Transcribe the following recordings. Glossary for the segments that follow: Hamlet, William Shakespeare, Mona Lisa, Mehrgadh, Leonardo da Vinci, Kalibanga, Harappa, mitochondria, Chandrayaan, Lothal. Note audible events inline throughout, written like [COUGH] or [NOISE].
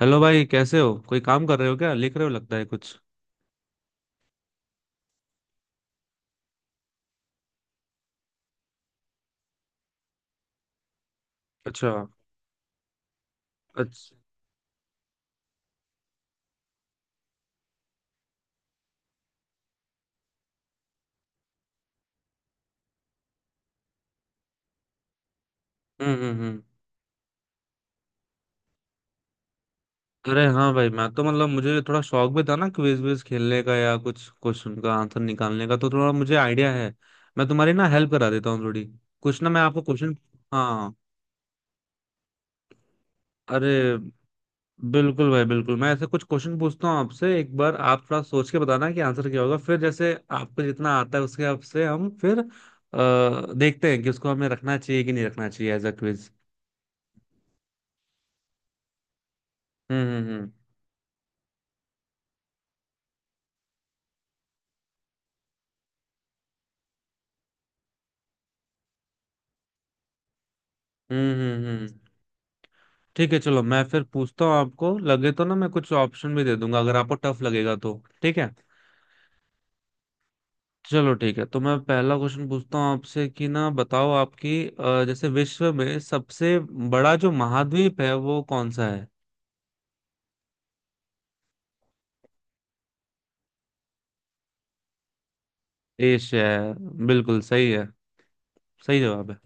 Hello भाई, कैसे हो? कोई काम कर रहे हो? क्या लिख रहे हो, लगता है कुछ। अच्छा अच्छा। हम्म। अरे हाँ भाई, मैं तो मतलब मुझे थोड़ा शौक भी था ना क्विज विज खेलने का या कुछ क्वेश्चन का आंसर निकालने का, तो थोड़ा मुझे आइडिया है। मैं तुम्हारी ना हेल्प करा देता हूँ थोड़ी। कुछ ना मैं आपको क्वेश्चन। हाँ। अरे बिल्कुल भाई बिल्कुल, मैं ऐसे कुछ क्वेश्चन पूछता हूँ आपसे। एक बार आप थोड़ा सोच के बताना कि आंसर क्या होगा, फिर जैसे आपको जितना आता है उसके हिसाब से हम फिर देखते हैं कि उसको हमें रखना चाहिए कि नहीं रखना चाहिए एज अ क्विज। हम्म हम्म हम्म। हम्म हम्म हम्म। ठीक है चलो, मैं फिर पूछता हूँ। आपको लगे तो ना मैं कुछ ऑप्शन भी दे दूंगा, अगर आपको टफ लगेगा तो। ठीक है चलो, ठीक है। तो मैं पहला क्वेश्चन पूछता हूँ आपसे कि ना, बताओ आपकी जैसे विश्व में सबसे बड़ा जो महाद्वीप है वो कौन सा है? एशिया है। बिल्कुल सही है, सही जवाब है।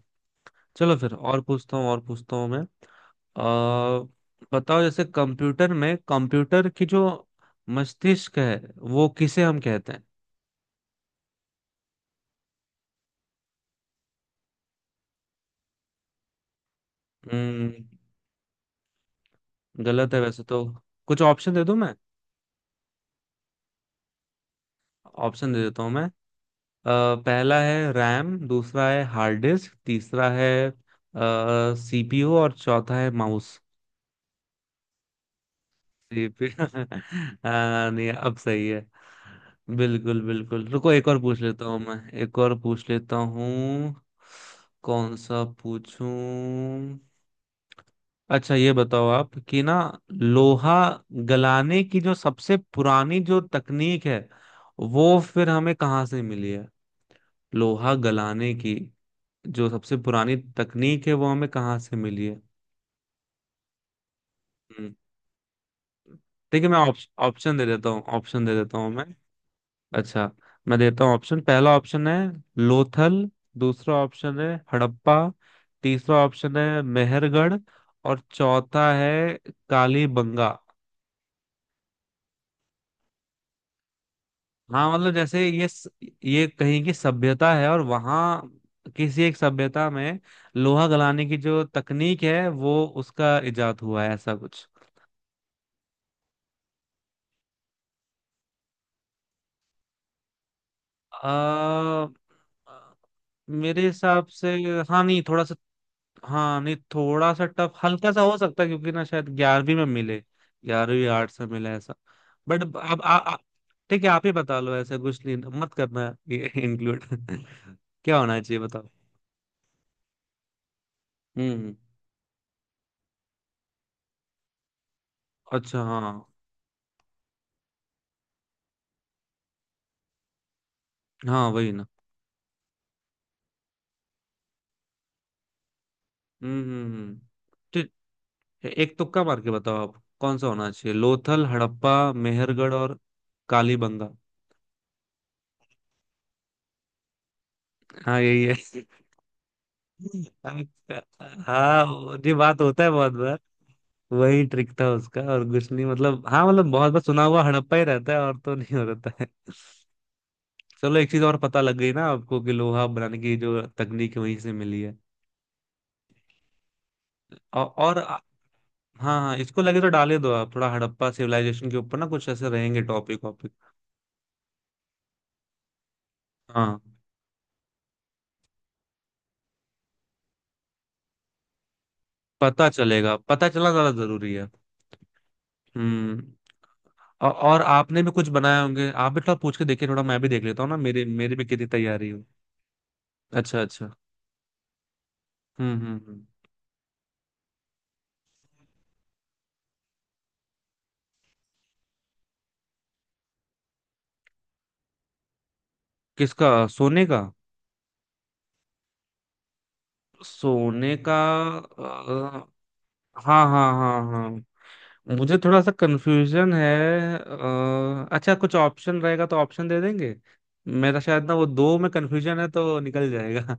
चलो फिर और पूछता हूँ, और पूछता हूँ मैं। बताओ जैसे कंप्यूटर में, कंप्यूटर की जो मस्तिष्क है वो किसे हम कहते हैं? हम्म, गलत है वैसे तो। कुछ ऑप्शन दे दूं मैं? ऑप्शन दे देता हूँ मैं। अ, पहला है रैम, दूसरा है हार्ड डिस्क, तीसरा है सीपीयू और चौथा है माउस। सीपीयू [LAUGHS] नहीं अब सही है, बिल्कुल बिल्कुल। रुको एक और पूछ लेता हूँ। कौन सा पूछूं? अच्छा ये बताओ आप कि ना, लोहा गलाने की जो सबसे पुरानी जो तकनीक है वो फिर हमें कहाँ से मिली है? लोहा गलाने की जो सबसे पुरानी तकनीक है वो हमें कहाँ से मिली है? हम्म, ठीक है, मैं ऑप्शन दे देता हूँ, ऑप्शन दे देता हूँ मैं। अच्छा, मैं देता हूँ ऑप्शन। पहला ऑप्शन है लोथल, दूसरा ऑप्शन है हड़प्पा, तीसरा ऑप्शन है मेहरगढ़ और चौथा है कालीबंगा। हाँ मतलब जैसे ये ये कहीं की सभ्यता है और वहाँ किसी एक सभ्यता में लोहा गलाने की जो तकनीक है वो उसका इजाद हुआ है, ऐसा कुछ। आ, मेरे हिसाब से हाँ नहीं थोड़ा सा, हाँ नहीं थोड़ा सा टफ हल्का सा हो सकता है, क्योंकि ना शायद 11वीं में मिले। ग्यारहवीं आर्ट से मिले ऐसा। बट अब आ, आ, ठीक है, आप ही बता लो। ऐसा कुछ नहीं, मत करना ये इंक्लूड। [LAUGHS] क्या होना चाहिए बताओ? हम्म। अच्छा हाँ। हाँ वही ना। हम्म हम्म हम्म। तो एक तुक्का मार के बताओ, आप कौन सा होना चाहिए? लोथल, हड़प्पा, मेहरगढ़ और कालीबंगा। हाँ यही है। [LAUGHS] हाँ वो- ये बात होता है बहुत बार। वही ट्रिक था उसका और कुछ नहीं, मतलब हाँ मतलब बहुत बार सुना हुआ हड़प्पा ही रहता है, और तो नहीं हो रहता है। चलो एक चीज और पता लग गई ना आपको, कि लोहा बनाने की जो तकनीक है वहीं से मिली है। औ, और आ- हाँ हाँ, इसको लगे तो डाले दो आप। थोड़ा हड़प्पा सिविलाइजेशन के ऊपर ना कुछ ऐसे रहेंगे टॉपिक वॉपिक। हाँ, पता चलेगा, पता चलना ज्यादा जरूरी है। हम्म। और आपने भी कुछ बनाए होंगे, आप भी थोड़ा पूछ के देखिए, थोड़ा मैं भी देख लेता हूँ ना मेरे मेरे में कितनी तैयारी हो। अच्छा अच्छा। हम्म हम्म हम्म। किसका? सोने का, सोने का? अ, हाँ हाँ हाँ हाँ, मुझे थोड़ा सा कंफ्यूजन है। अच्छा, कुछ ऑप्शन रहेगा तो ऑप्शन दे देंगे। मेरा शायद ना वो दो में कंफ्यूजन है, तो निकल जाएगा।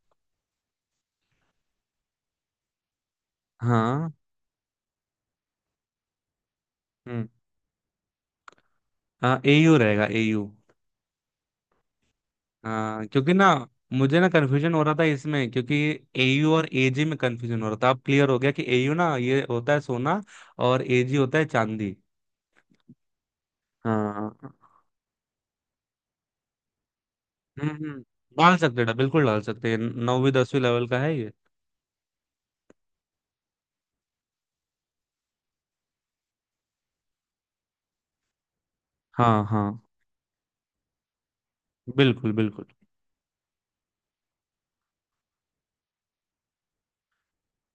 [LAUGHS] हाँ। हम्म। हाँ एयू रहेगा, एयू। हाँ क्योंकि ना मुझे ना कन्फ्यूजन हो रहा था इसमें, क्योंकि एयू और एजी में कन्फ्यूजन हो रहा था। अब क्लियर हो गया कि एयू ना ये होता है सोना और एजी होता है चांदी। हाँ। हम्म। डाल सकते हैं, बिल्कुल डाल सकते हैं, नौवीं दसवीं लेवल का है ये। हाँ हाँ बिल्कुल बिल्कुल।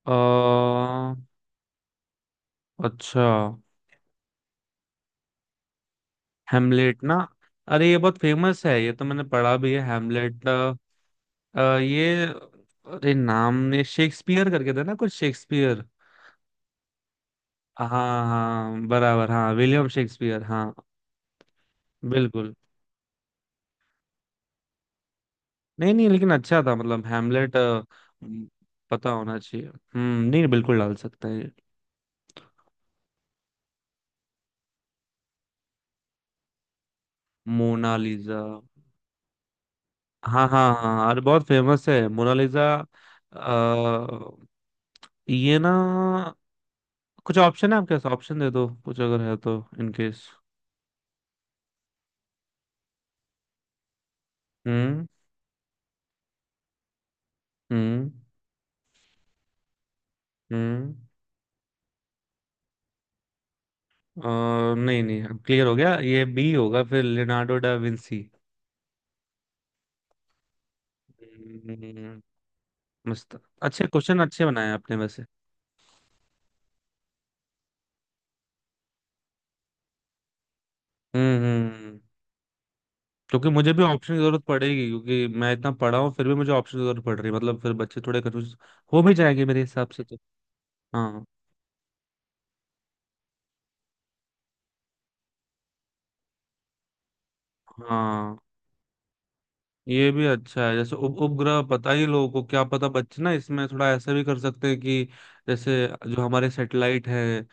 अ, अच्छा। हेमलेट ना? अरे ये बहुत फेमस है, ये तो मैंने पढ़ा भी है हेमलेट। ये अरे नाम ये शेक्सपियर करके था ना कुछ, शेक्सपियर। हाँ हाँ बराबर, हाँ विलियम शेक्सपियर हाँ। बिल्कुल। नहीं नहीं लेकिन अच्छा था मतलब, हैमलेट पता होना चाहिए। हम्म, नहीं बिल्कुल डाल सकते हैं। मोनालिजा। हाँ हाँ हाँ, अरे बहुत फेमस है मोनालिजा। अ, ये ना कुछ ऑप्शन है आपके पास? ऑप्शन दे दो कुछ अगर है तो इनकेस। हम्म। हम्म। हम्म। नहीं नहीं, क्लियर हो गया, ये बी होगा फिर, लियोनार्डो डा विंसी। मस्त। अच्छे क्वेश्चन, अच्छे बनाए आपने वैसे। हम्म हम्म हम्म। क्योंकि मुझे भी ऑप्शन की जरूरत पड़ेगी, क्योंकि मैं इतना पढ़ा हूँ फिर भी मुझे ऑप्शन की जरूरत पड़ रही है, मतलब फिर बच्चे थोड़े कंफ्यूज हो भी जाएंगे मेरे हिसाब से तो। हाँ हाँ, ये भी अच्छा है, जैसे उप उपग्रह पता ही लोगों को क्या पता। बच्चे ना इसमें थोड़ा ऐसा भी कर सकते हैं कि जैसे जो हमारे सैटेलाइट है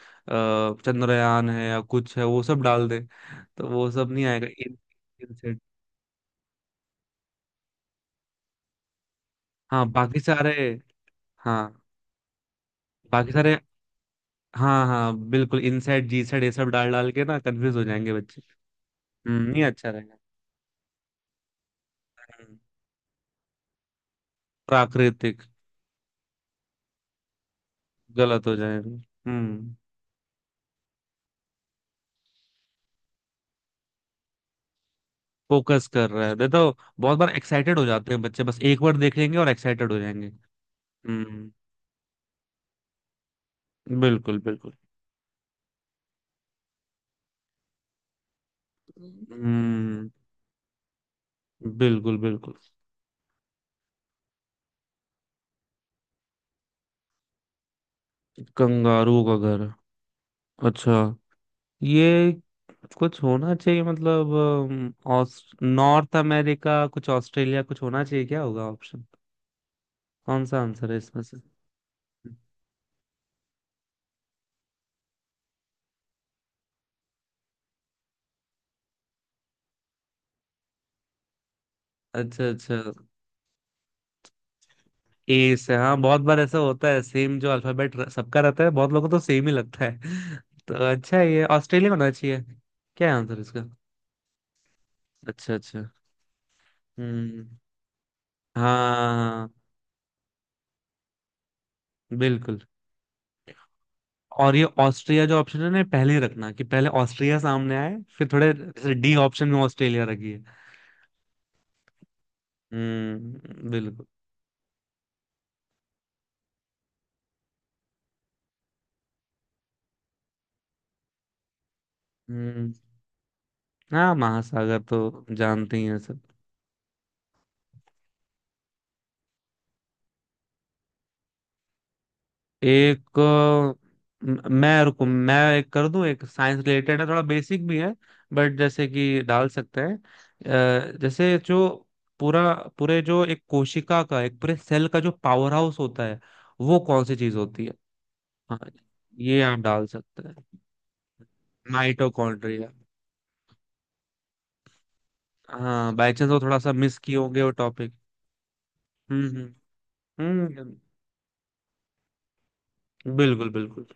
चंद्रयान है या कुछ है वो सब डाल दे, तो वो सब नहीं आएगा इन, इन, हाँ बाकी सारे हाँ बाकी सारे। हाँ हाँ बिल्कुल, इनसाइड जी साइड ये सब डाल डाल के ना कंफ्यूज हो जाएंगे बच्चे। हम्म, नहीं अच्छा रहेगा। हम्म। प्राकृतिक। गलत हो जाएगा। हम्म। फोकस कर रहा है देखो। बहुत बार एक्साइटेड हो जाते हैं बच्चे, बस एक बार देख लेंगे और एक्साइटेड हो जाएंगे। हम्म, बिल्कुल बिल्कुल। हम्म, बिल्कुल बिल्कुल। कंगारू का घर? अच्छा ये कुछ होना चाहिए, मतलब नॉर्थ अमेरिका कुछ, ऑस्ट्रेलिया कुछ होना चाहिए। क्या होगा ऑप्शन, कौन सा आंसर है इसमें से? अच्छा अच्छा। ए से हाँ, बहुत बार ऐसा होता है सेम जो अल्फाबेट सबका रहता है, बहुत लोगों को तो सेम ही लगता है। [LAUGHS] तो अच्छा है, ये ऑस्ट्रेलिया होना चाहिए। क्या है आंसर इसका? अच्छा अच्छा। हम्म। हाँ बिल्कुल। और ये ऑस्ट्रिया जो ऑप्शन है ना, ये पहले ही रखना, कि पहले ऑस्ट्रिया सामने आए, फिर थोड़े जैसे डी ऑप्शन में ऑस्ट्रेलिया रखिए। बिल्कुल। हम्म। हाँ महासागर तो जानते ही हैं सब। एक मैं रुको, मैं एक कर दूं, एक साइंस रिलेटेड है, थोड़ा बेसिक भी है बट, जैसे कि डाल सकते हैं। जैसे जो पूरा, पूरे जो एक कोशिका का, एक पूरे सेल का जो पावर हाउस होता है वो कौन सी चीज होती है? हाँ ये आप डाल सकते हैं। माइटोकॉन्ड्रिया। हाँ बाई चांस वो थोड़ा सा मिस किए होंगे वो टॉपिक। हम्म। हम्म, बिल्कुल बिल्कुल।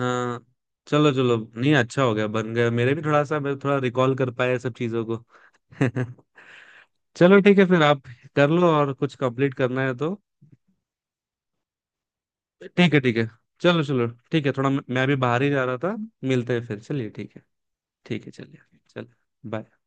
हाँ चलो चलो, नहीं अच्छा हो गया, बन गया। मेरे भी थोड़ा सा मैं थोड़ा रिकॉल कर पाया सब चीजों को। [LAUGHS] चलो ठीक है, फिर आप कर लो और, कुछ कंप्लीट करना है तो। ठीक है ठीक है, चलो चलो ठीक है। थोड़ा मैं भी बाहर ही जा रहा था, मिलते हैं फिर, चलिए ठीक है। ठीक है चलिए। चलो बाय।